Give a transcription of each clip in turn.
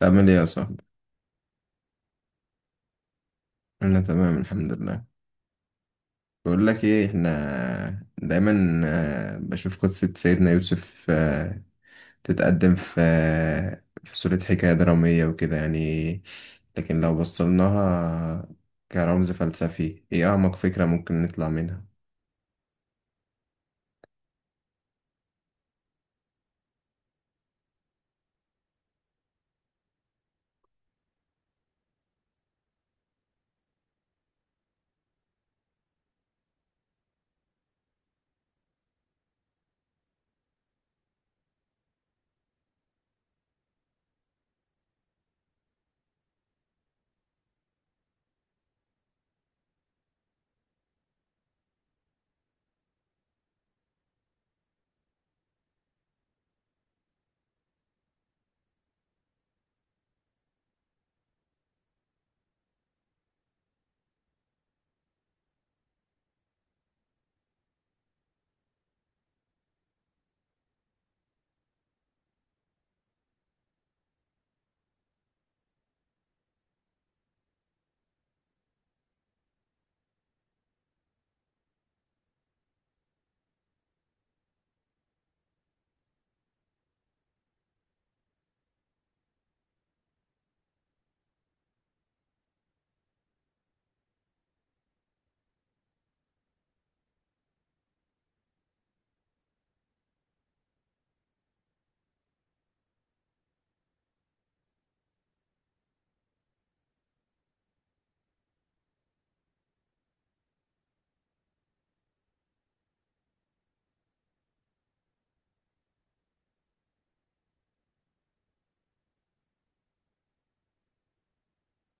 تعمل ايه يا صاحبي؟ انا تمام الحمد لله. بقول لك ايه، احنا دايما بشوف قصة سيدنا يوسف تتقدم في صورة حكاية درامية وكده يعني، لكن لو بصلناها كرمز فلسفي ايه اعمق فكرة ممكن نطلع منها؟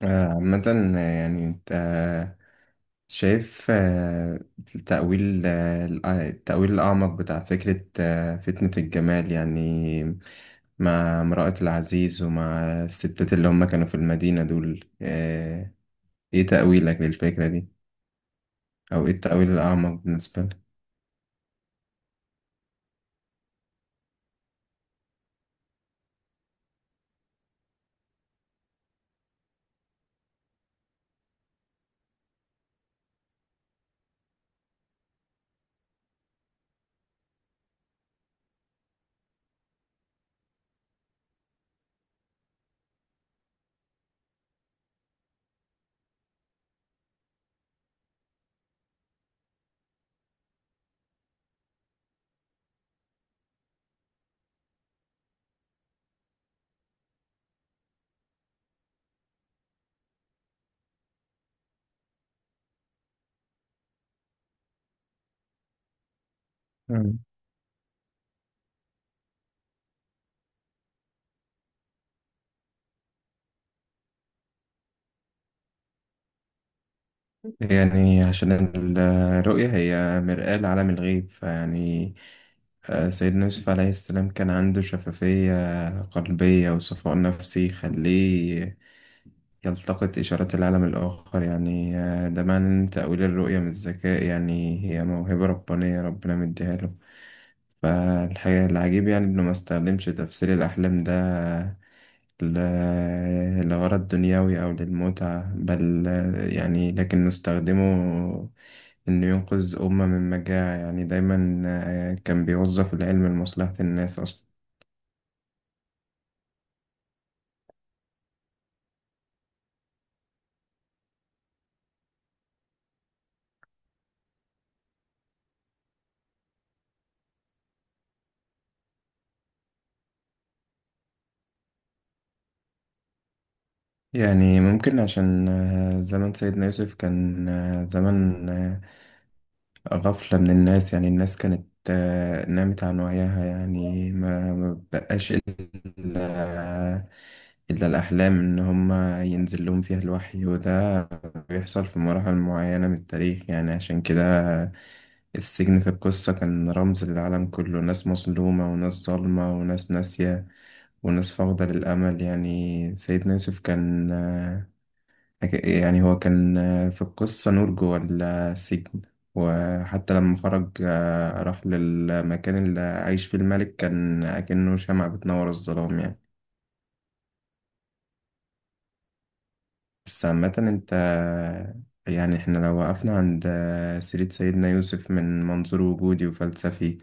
عامة، يعني انت شايف التأويل، التأويل الأعمق بتاع فكرة فتنة الجمال يعني، مع امرأة العزيز ومع الستات اللي هم كانوا في المدينة دول، إيه تأويلك للفكرة دي؟ أو إيه التأويل الأعمق بالنسبة لك؟ مم. يعني عشان الرؤية هي مرآة لعالم الغيب فيعني، سيدنا يوسف عليه السلام كان عنده شفافية قلبية وصفاء نفسي يخليه يلتقط إشارات العالم الآخر يعني. ده معنى إن تأويل الرؤية من الذكاء، يعني هي موهبة ربانية ربنا مديها له. فالحقيقة العجيب يعني إنه ما استخدمش تفسير الأحلام ده لغرض دنيوي أو للمتعة، بل يعني لكنه استخدمه إنه ينقذ أمة من مجاعة. يعني دايما كان بيوظف العلم لمصلحة الناس أصلا. يعني ممكن عشان زمن سيدنا يوسف كان زمن غفلة من الناس، يعني الناس كانت نامت عن وعيها يعني، ما بقاش إلا إلا الأحلام إن هما ينزل لهم فيها الوحي، وده بيحصل في مراحل معينة من التاريخ. يعني عشان كده السجن في القصة كان رمز للعالم كله، ناس مظلومة وناس ظالمة وناس ناسية وناس فاقدة للأمل يعني. سيدنا يوسف كان هو كان في القصة نور جوه السجن، وحتى لما خرج راح للمكان اللي عايش فيه الملك كان أكنه شمعة بتنور الظلام يعني. بس عامة أنت، يعني إحنا لو وقفنا عند سيرة سيدنا يوسف من منظور وجودي وفلسفي،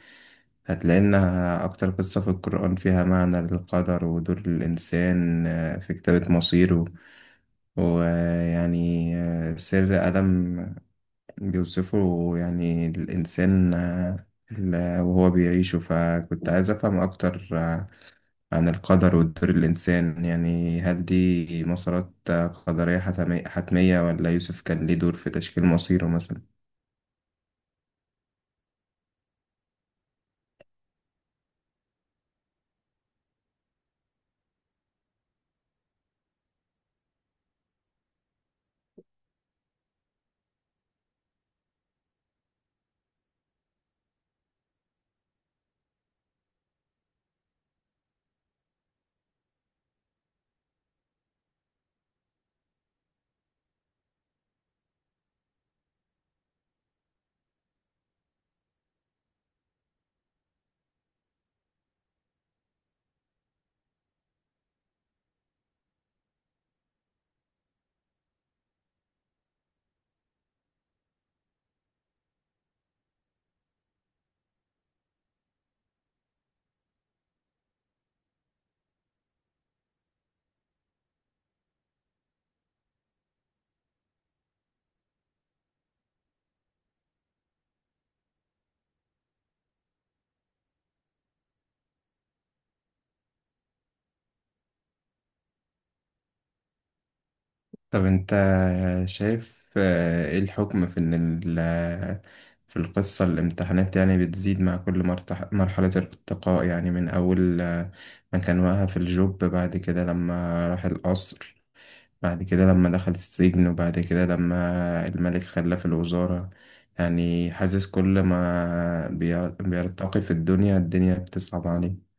هتلاقي إنها أكتر قصة في القرآن فيها معنى للقدر ودور الإنسان في كتابة مصيره. ويعني سر ألم بيوصفوا يعني الإنسان وهو بيعيشه، فكنت عايز أفهم أكتر عن القدر ودور الإنسان، يعني هل دي مسارات قدرية حتمية، ولا يوسف كان ليه دور في تشكيل مصيره مثلا؟ طب أنت شايف إيه الحكم في إن في القصة الامتحانات يعني بتزيد مع كل مرحلة الارتقاء، يعني من أول ما كان واقع في الجوب، بعد كده لما راح القصر، بعد كده لما دخل السجن، وبعد كده لما الملك خلاه في الوزارة. يعني حاسس كل ما بيرتقي في الدنيا الدنيا بتصعب عليه.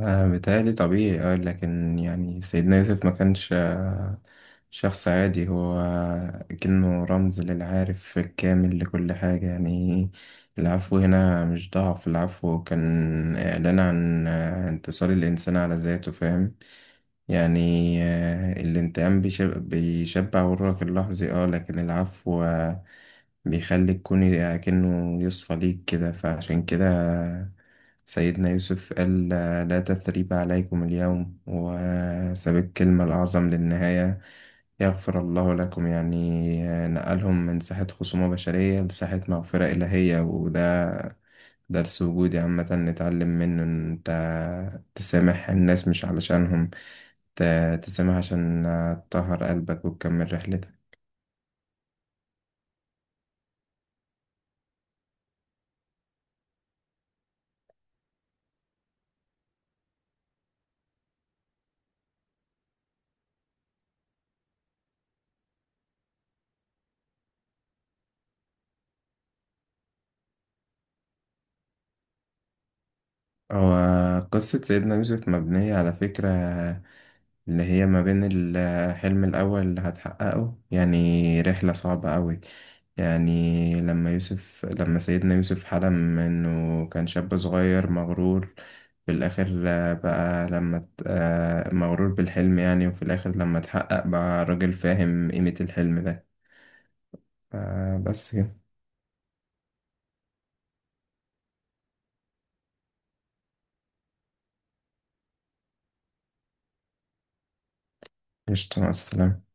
بيتهيألي طبيعي، اه، لكن يعني سيدنا يوسف ما كانش شخص عادي، هو كأنه رمز للعارف الكامل لكل حاجة يعني. العفو هنا مش ضعف، العفو كان إعلان عن انتصار الإنسان على ذاته، فاهم يعني. الانتقام بيشبع غرك اللحظي، اه، لكن العفو بيخليك كوني كأنه يصفى ليك كده. فعشان كده سيدنا يوسف قال لا تثريب عليكم اليوم، وساب الكلمة الأعظم للنهاية، يغفر الله لكم يعني. نقلهم من ساحة خصومة بشرية لساحة مغفرة إلهية، وده درس وجودي عامة نتعلم منه، إن أنت تسامح الناس مش علشانهم، تسامح عشان تطهر قلبك وتكمل رحلتك. هو قصة سيدنا يوسف مبنية على فكرة اللي هي ما بين الحلم الأول اللي هتحققه، يعني رحلة صعبة أوي. يعني لما سيدنا يوسف حلم إنه كان شاب صغير مغرور، في الآخر آه، بقى لما ت- آه، مغرور بالحلم يعني، وفي الآخر لما اتحقق بقى راجل فاهم قيمة الحلم ده. بس كده. قشطة، مع السلامة.